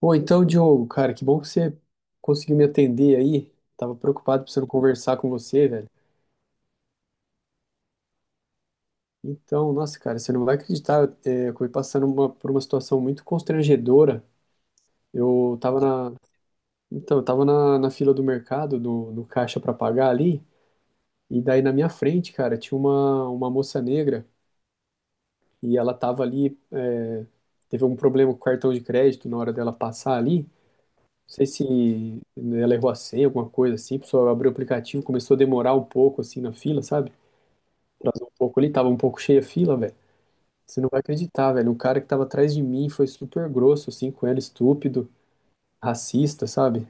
Pô, então, Diogo, cara, que bom que você conseguiu me atender aí. Tava preocupado precisando conversar com você, velho. Então, nossa, cara, você não vai acreditar, é, eu, acabei passando por uma situação muito constrangedora. Eu tava na, então, eu tava na fila do mercado, do, no caixa pra pagar ali, e daí na minha frente, cara, tinha uma moça negra e ela tava ali, teve um problema com o cartão de crédito na hora dela passar ali. Sei se ela errou a senha, alguma coisa assim, a pessoa abriu o aplicativo, começou a demorar um pouco assim na fila, sabe? Atrasou um pouco ali, tava um pouco cheia a fila, velho. Você não vai acreditar, velho. O cara que tava atrás de mim foi super grosso, assim, com ela, estúpido, racista, sabe?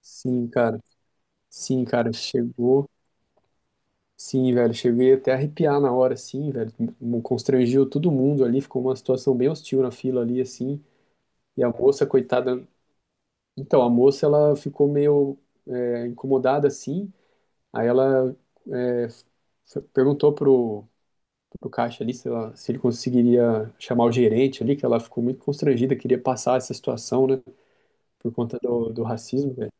Sim, cara. Sim, cara, chegou. Sim, velho, cheguei até a arrepiar na hora, assim, velho. Me constrangiu todo mundo ali, ficou uma situação bem hostil na fila ali, assim. E a moça, coitada. Então, a moça, ela ficou meio incomodada, assim. Aí ela é, f- perguntou pro caixa ali se, se ele conseguiria chamar o gerente ali, que ela ficou muito constrangida, queria passar essa situação, né, por conta do, do racismo, velho.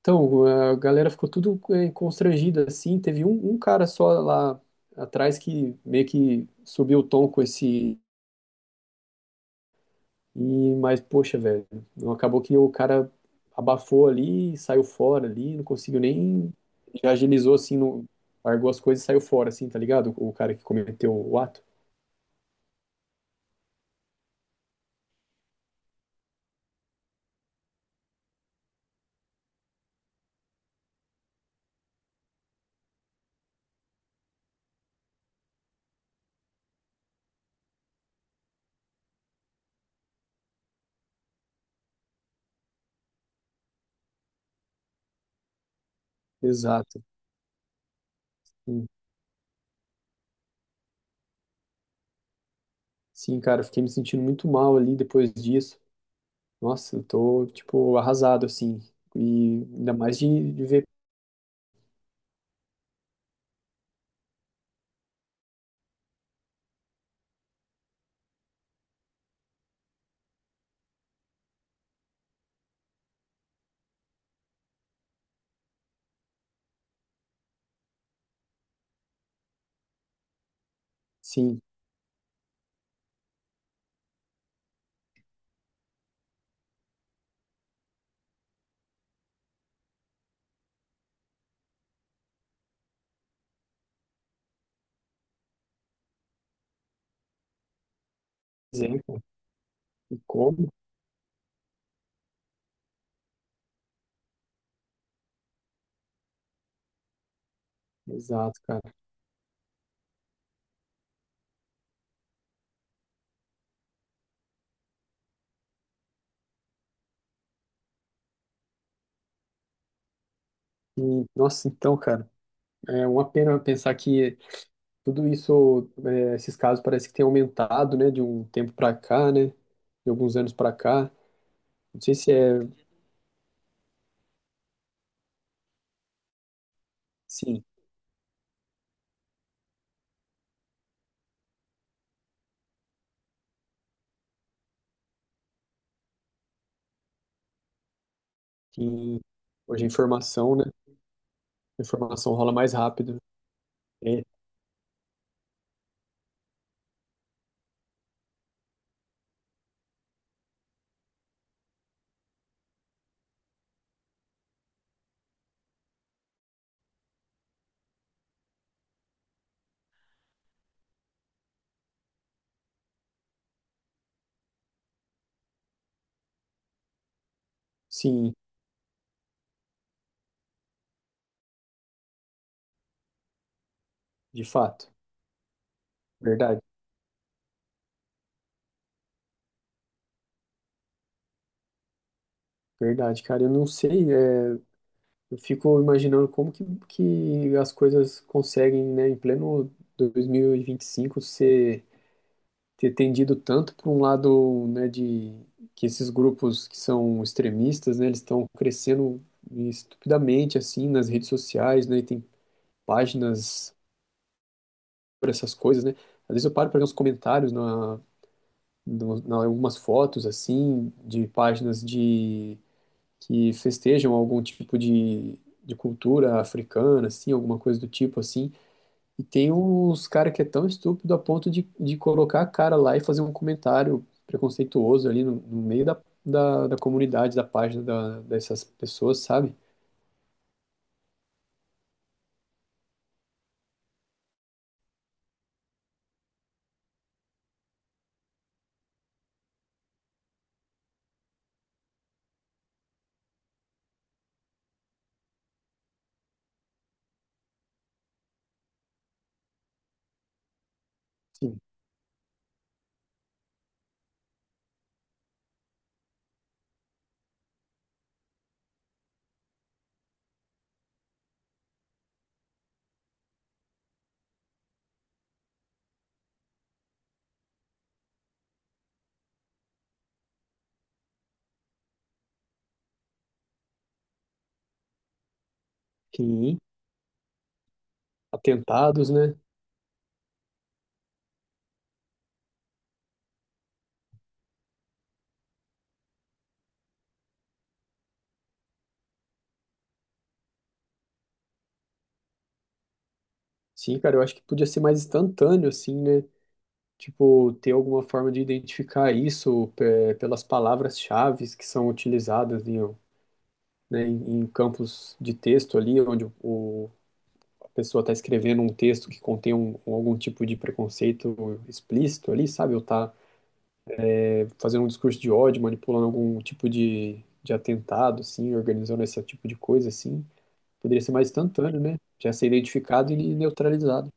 Então, a galera ficou tudo constrangida, assim, teve um cara só lá atrás que meio que subiu o tom com esse. E, mas, poxa, velho, não acabou que o cara abafou ali, saiu fora ali, não conseguiu nem. Já agilizou assim, não, largou as coisas e saiu fora, assim, tá ligado? O cara que cometeu o ato. Exato. Sim. Sim, cara, eu fiquei me sentindo muito mal ali depois disso. Nossa, eu tô, tipo, arrasado, assim. E ainda mais de ver, sim, exemplo, e como. Exato, cara. E, nossa, então, cara, é uma pena pensar que tudo isso, é, esses casos parece que tem aumentado, né, de um tempo para cá, né, de alguns anos para cá. Não sei se é, sim, que hoje a informação, né, a informação rola mais rápido. É, sim, de fato, verdade, verdade, cara. Eu não sei, eu fico imaginando como que as coisas conseguem, né, em pleno 2025 ser ter tendido tanto para um lado, né, de que esses grupos que são extremistas, né, eles estão crescendo estupidamente assim nas redes sociais, né, e tem páginas por essas coisas, né? Às vezes eu paro para ver uns comentários na algumas fotos assim de páginas de que festejam algum tipo de cultura africana, assim, alguma coisa do tipo assim. E tem uns cara que é tão estúpido a ponto de colocar a cara lá e fazer um comentário preconceituoso ali no, no meio da, da, da comunidade, da página da, dessas pessoas, sabe? Sim. Sim. Atentados, né? Sim, cara, eu acho que podia ser mais instantâneo, assim, né? Tipo, ter alguma forma de identificar isso pelas palavras-chaves que são utilizadas em, né, em, em campos de texto ali, onde o pessoa está escrevendo um texto que contém um, algum tipo de preconceito explícito ali, sabe? Ou está fazendo um discurso de ódio, manipulando algum tipo de atentado, assim, organizando esse tipo de coisa, assim. Poderia ser mais instantâneo, né? Já ser identificado e neutralizado.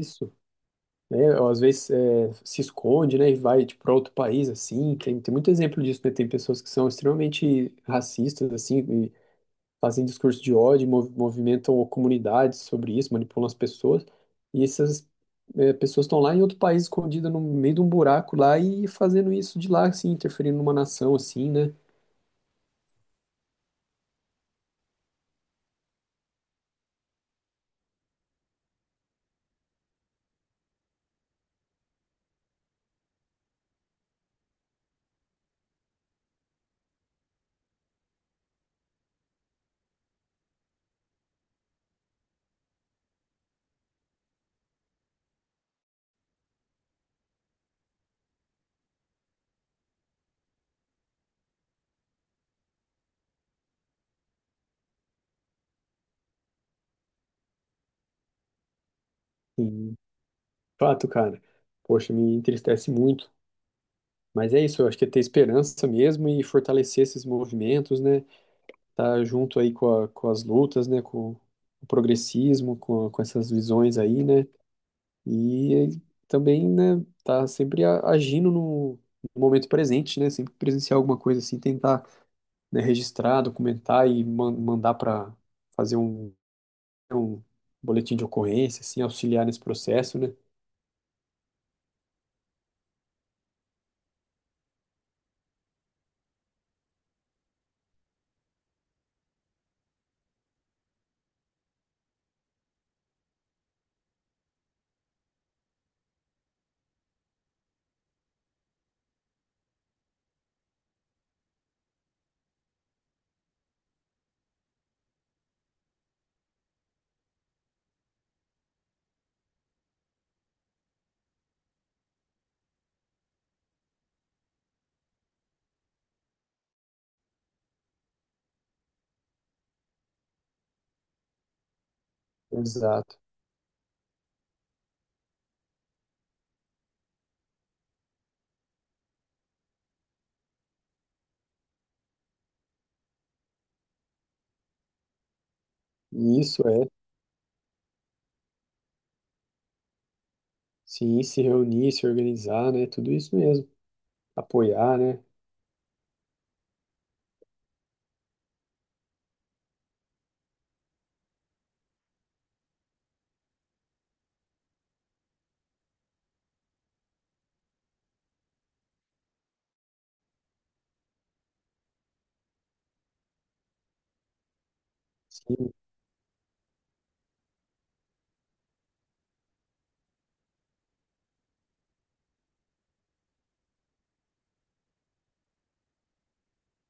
Isso. Né? Às vezes é, se esconde, né? E vai tipo, para outro país, assim. Tem muito exemplo disso, né? Tem pessoas que são extremamente racistas, assim, fazem discurso de ódio, movimentam comunidades sobre isso, manipulam as pessoas, e essas pessoas estão lá em outro país, escondidas no meio de um buraco lá e fazendo isso de lá, assim, interferindo numa nação, assim, né? Sim, fato, cara. Poxa, me entristece muito. Mas é isso, eu acho que é ter esperança mesmo e fortalecer esses movimentos, né? Tá junto aí com, com as lutas, né? Com o progressismo, com essas visões aí, né? E ele também, né, tá sempre agindo no no momento presente, né, sempre presenciar alguma coisa assim, tentar, né, registrar, documentar e mandar para fazer um, um boletim de ocorrência, assim, auxiliar nesse processo, né? Exato. E isso é, sim, se reunir, se organizar, né, tudo isso mesmo, apoiar, né? Sim,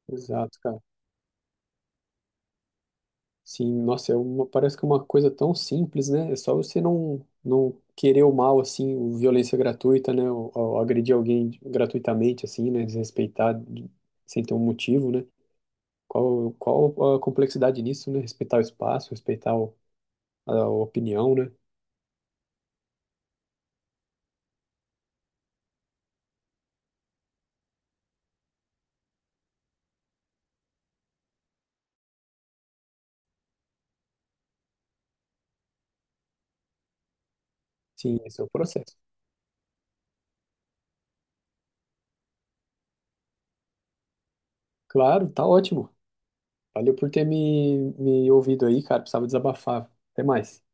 exato, cara. Sim, nossa, é uma, parece que é uma coisa tão simples, né? É só você não, não querer o mal, assim, o violência gratuita, né? Ou agredir alguém gratuitamente, assim, né? Desrespeitar sem ter um motivo, né? Qual, qual a complexidade nisso, né? Respeitar o espaço, respeitar a, opinião, né? Sim, esse é o processo. Claro, tá ótimo. Valeu por ter me ouvido aí, cara. Precisava desabafar. Até mais.